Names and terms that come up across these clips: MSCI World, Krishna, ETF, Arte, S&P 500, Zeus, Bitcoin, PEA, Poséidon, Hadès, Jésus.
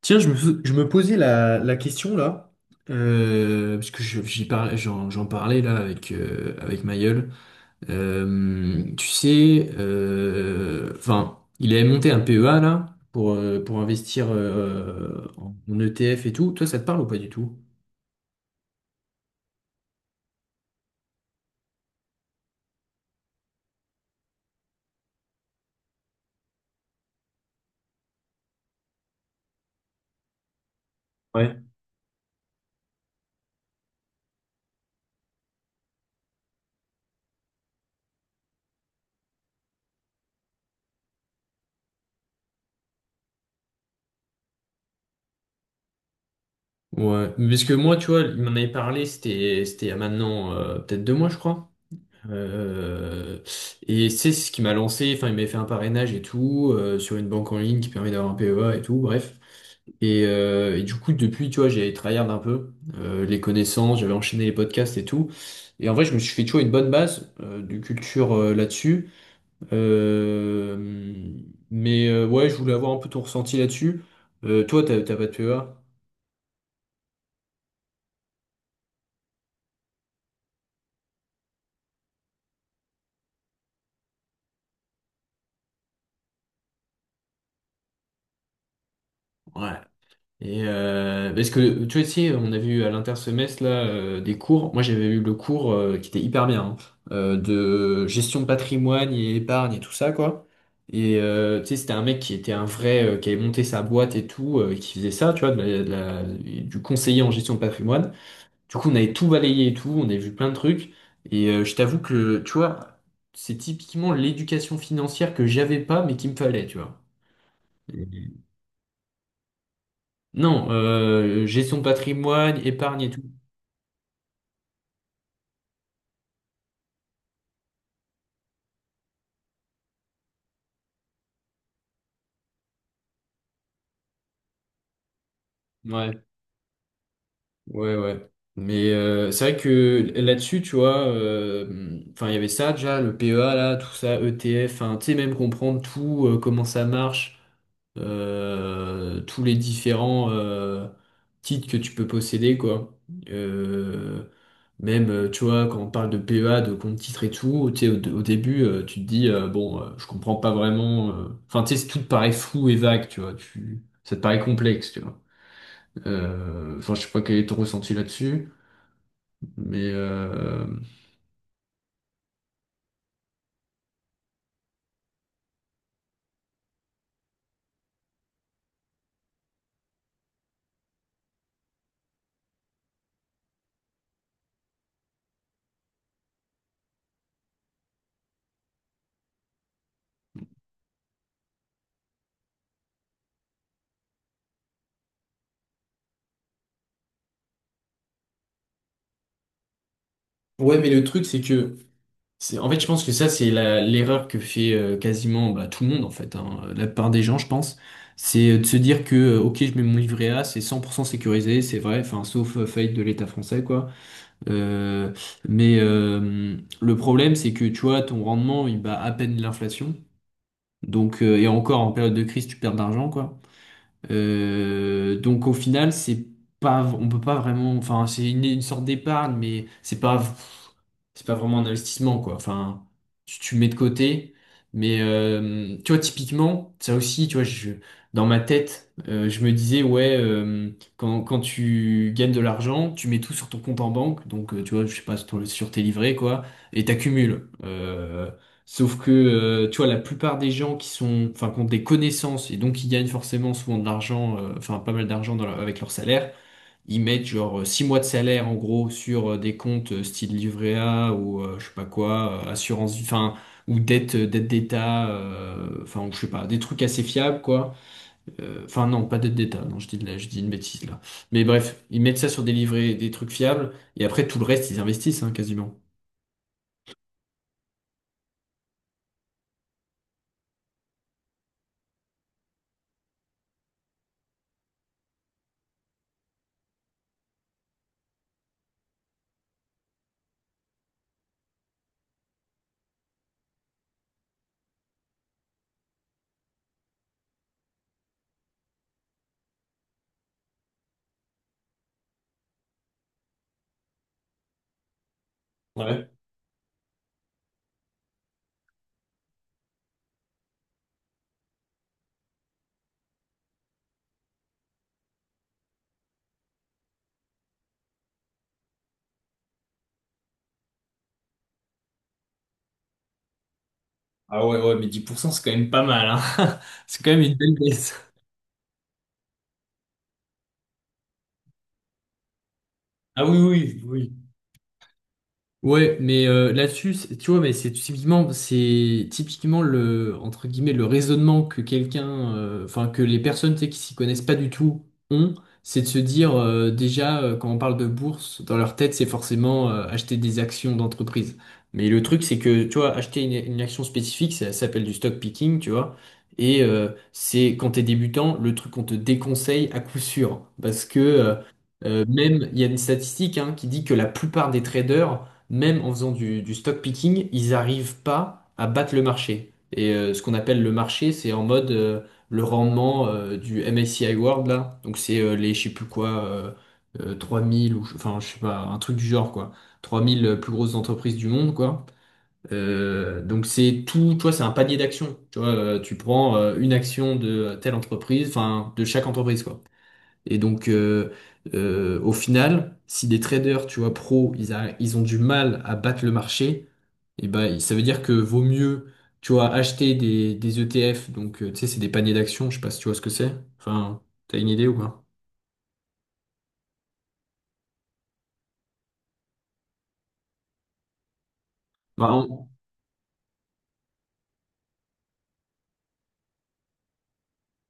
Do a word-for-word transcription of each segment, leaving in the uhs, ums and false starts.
Tiens, je me, fais- je me posais la, la question là, euh, parce que je- j'y parlais, j'en, j'en parlais là avec, euh, avec ma… Euh, tu sais, euh, enfin, il avait monté un P E A là pour, euh, pour investir euh, en en E T F et tout. Toi, ça te parle ou pas du tout? Ouais. Ouais, parce que moi, tu vois, il m'en avait parlé, c'était, c'était il y a maintenant euh, peut-être deux mois, je crois. Euh, et c'est ce qui m'a lancé, enfin il m'avait fait un parrainage et tout, euh, sur une banque en ligne qui permet d'avoir un P E A et tout, bref. Et, euh, et du coup, depuis, tu vois, j'ai tryhard un peu euh, les connaissances, j'avais enchaîné les podcasts et tout. Et en vrai, je me suis fait, tu vois, une bonne base euh, de culture euh, là-dessus. Euh, mais euh, ouais, je voulais avoir un peu ton ressenti là-dessus. Euh, toi, t'as t'as pas de P E A? Ouais. Et euh, parce que tu vois, tu sais, on a vu à l'intersemestre là euh, des cours. Moi, j'avais eu le cours euh, qui était hyper bien hein, euh, de gestion de patrimoine et épargne et tout ça quoi. Et euh, tu sais, c'était un mec qui était un vrai euh, qui avait monté sa boîte et tout, euh, qui faisait ça, tu vois, de la- de la- du conseiller en gestion de patrimoine. Du coup, on avait tout balayé et tout, on avait vu plein de trucs. Et euh, je t'avoue que tu vois, c'est typiquement l'éducation financière que j'avais pas mais qu'il me fallait, tu vois. Non, euh, gestion de patrimoine, épargne et tout. Ouais, ouais, ouais. Mais euh, c'est vrai que là-dessus, tu vois, euh, enfin, il y avait ça déjà, le P E A, là, tout ça, E T F, enfin, tu sais, même comprendre tout, euh, comment ça marche. Euh, tous les différents euh, titres que tu peux posséder, quoi. Euh, Même, euh, tu vois, quand on parle de P E A, de compte titres et tout, tu sais, au, au début, euh, tu te dis, euh, bon, euh, je comprends pas vraiment. euh. Enfin, tu sais, c'est- tout te paraît flou et vague, tu vois. Tu, ça te paraît complexe, tu vois. Euh, Enfin, je sais pas quel est ton ressenti là-dessus, mais euh, ouais, mais le truc, c'est que C'est- En fait, je pense que ça, c'est la- l'erreur que fait euh, quasiment bah, tout le monde, en fait, hein, la plupart des gens, je pense. C'est euh, de se dire que, euh, ok, je mets mon livret A, c'est cent pour cent sécurisé, c'est vrai, enfin, sauf euh, faillite de l'État français, quoi. Euh, mais euh, le problème, c'est que, tu vois, ton rendement, il bat à peine l'inflation. Donc, euh, et encore, en période de crise, tu perds de l'argent, quoi. Euh, donc au final, c'est pas, on peut pas vraiment, enfin c'est une, une sorte d'épargne, mais c'est pas, c'est pas vraiment un investissement quoi. Enfin, tu, tu mets de côté, mais euh, tu vois typiquement, ça aussi, tu vois, je, dans ma tête, euh, je me disais ouais, euh, quand, quand tu gagnes de l'argent, tu mets tout sur ton compte en banque, donc euh, tu vois, je sais pas sur, ton- sur tes livrets quoi, et t'accumules. Euh, Sauf que, euh, tu vois, la plupart des gens qui sont, enfin, qui ont des connaissances et donc qui gagnent forcément souvent de l'argent, euh, enfin, pas mal d'argent dans leur- avec leur salaire, ils mettent genre euh, six mois de salaire en gros sur euh, des comptes euh, style livret A ou euh, je sais pas quoi, euh, assurance, enfin, ou dette, euh, dette d'État, euh, enfin, ou je sais pas, des trucs assez fiables quoi. Euh, Enfin, non, pas dette d'État, non, je dis, de la- je dis une bêtise là. Mais bref, ils mettent ça sur des livrets, des trucs fiables et après tout le reste, ils investissent hein, quasiment. Ah ouais, ouais, mais dix pour cent c'est quand même pas mal, hein. C'est quand même une belle baisse. Ah oui, oui, oui. Ouais, mais euh, là-dessus, c'est- tu vois, mais c'est typiquement, c'est typiquement le entre guillemets le raisonnement que quelqu'un, euh, enfin que les personnes tu sais, qui s'y connaissent pas du tout ont, c'est de se dire euh, déjà euh, quand on parle de bourse, dans leur tête, c'est forcément euh, acheter des actions d'entreprise. Mais le truc, c'est que tu vois, acheter une, une action spécifique, ça s'appelle du stock picking, tu vois. Et euh, c'est quand t'es débutant, le truc qu'on te déconseille à coup sûr, parce que euh, euh, même, il y a une statistique hein, qui dit que la plupart des traders même en faisant du, du stock picking, ils n'arrivent pas à battre le marché. Et euh, ce qu'on appelle le marché, c'est en mode euh, le rendement euh, du M S C I World, là. Donc c'est euh, les, je sais plus quoi, euh, euh, trois mille ou, je- enfin, je sais pas, un truc du genre, quoi. Trois mille euh, plus grosses entreprises du monde, quoi. Euh, donc c'est tout, tu vois, c'est un panier d'actions. Tu vois, euh, tu prends euh, une action de telle entreprise, enfin, de chaque entreprise, quoi. Et donc, euh, euh, au final, si des traders, tu vois, pro, ils, a- ils ont du mal à battre le marché, et ben, ça veut dire que vaut mieux, tu vois, acheter des, des E T F. Donc, euh, tu sais, c'est des paniers d'actions. Je sais pas si tu vois ce que c'est. Enfin, t'as une idée ou pas? Bah.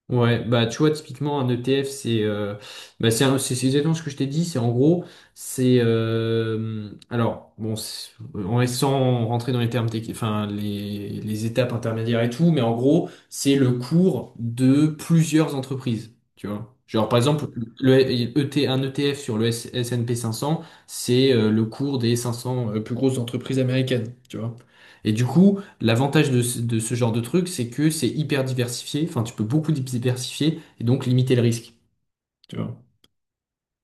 Ouais, bah tu vois, typiquement un E T F, c'est euh, bah, c'est un- c'est- c'est exactement ce que je t'ai dit, c'est en gros, c'est euh, alors bon, c'est- en sans rentrer dans les termes techniques, enfin les, les étapes intermédiaires et tout, mais en gros, c'est le cours de plusieurs entreprises, tu vois. Genre par exemple, le, E T, un E T F sur le S- S&P cinq cents, c'est euh, le cours des cinq cents euh, plus grosses entreprises américaines, tu vois. Et du coup, L'avantage de, ce- de ce genre de truc, c'est que c'est hyper diversifié, enfin tu peux beaucoup diversifier et donc limiter le risque. Tu vois.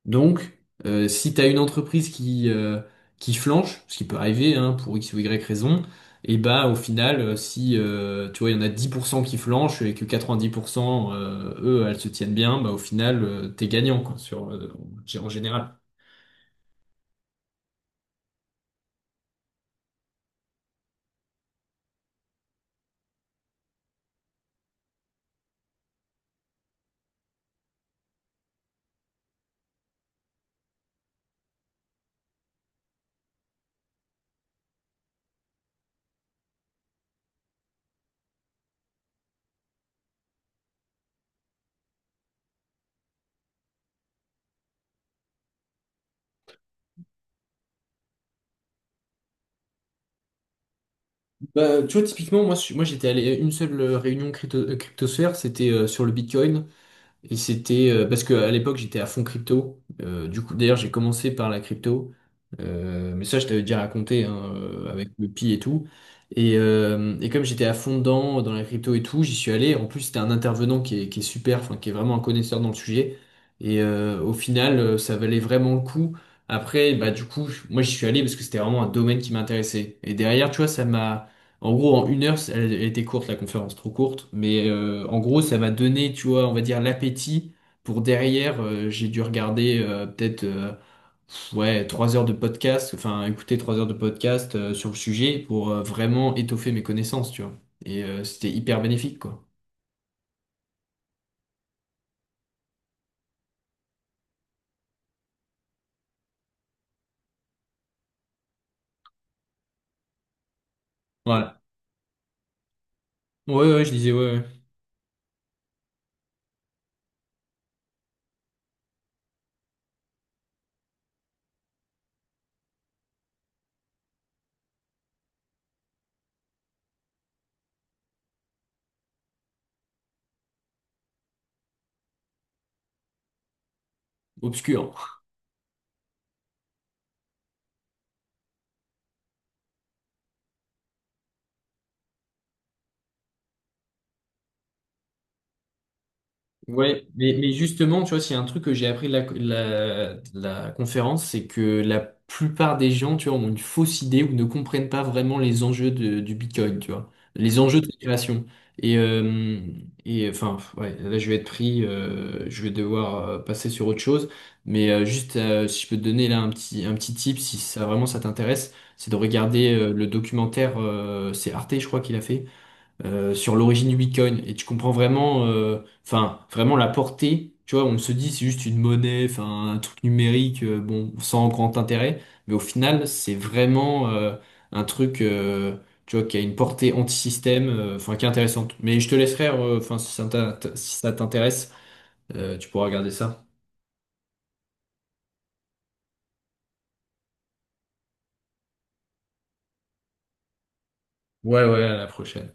Donc, euh, si tu as une entreprise qui, euh, qui flanche, ce qui peut arriver hein, pour X ou Y raison, et bah au final, euh, si euh, tu vois, il y en a dix pour cent qui flanchent et que quatre-vingt-dix pour cent euh, eux, elles se tiennent bien, bah au final, euh, t'es gagnant quoi, sur, euh, en général. Bah, tu vois, typiquement, moi, je suis- moi j'étais allé à une seule euh, réunion crypto, euh, cryptosphère, c'était euh, sur le Bitcoin. Et c'était euh, parce que à l'époque j'étais à fond crypto. Euh, du coup, d'ailleurs, j'ai commencé par la crypto. Euh, mais ça, je t'avais déjà raconté hein, euh, avec le pi et tout. Et, euh, et comme j'étais à fond dedans, dans la crypto et tout, j'y suis allé. En plus, c'était un intervenant qui est, qui est super, enfin, qui est vraiment un connaisseur dans le sujet. Et euh, au final, euh, ça valait vraiment le coup. Après, bah, du coup, je- moi, j'y suis allé parce que c'était vraiment un domaine qui m'intéressait. Et derrière, tu vois, ça m'a… En gros, en une heure, elle, elle était courte, la conférence, trop courte, mais euh, en gros, ça m'a donné, tu vois, on va dire l'appétit pour derrière, euh, j'ai dû regarder euh, peut-être euh, pff, ouais, trois heures de podcast, enfin écouter trois heures de podcast euh, sur le sujet pour euh, vraiment étoffer mes connaissances, tu vois. Et euh, c'était hyper bénéfique, quoi. Voilà. Ouais, ouais, je disais, ouais, ouais. Obscur. Ouais, mais, mais justement, tu vois, s'il y a un truc que j'ai appris de la, la, de la conférence, c'est que la plupart des gens, tu vois, ont une fausse idée ou ne comprennent pas vraiment les enjeux de- du Bitcoin, tu vois, les enjeux de création. Et, euh, et enfin, ouais, là, je vais être pris, euh, je vais devoir euh, passer sur autre chose, mais euh, juste, euh, si je peux te donner là un petit, un petit tip, si ça vraiment ça t'intéresse, c'est de regarder euh, le documentaire, euh, c'est Arte, je crois qu'il a fait euh, sur l'origine du Bitcoin et tu comprends vraiment, euh, enfin, vraiment la portée. Tu vois, on se dit c'est juste une monnaie, enfin, un truc numérique, euh, bon, sans grand intérêt, mais au final, c'est vraiment euh, un truc, euh, tu vois, qui a une portée anti-système, euh, enfin, qui est intéressante. Mais je te laisserai, euh, enfin, si ça t'in- si ça t'intéresse, euh, tu pourras regarder ça. Ouais, ouais, à la prochaine.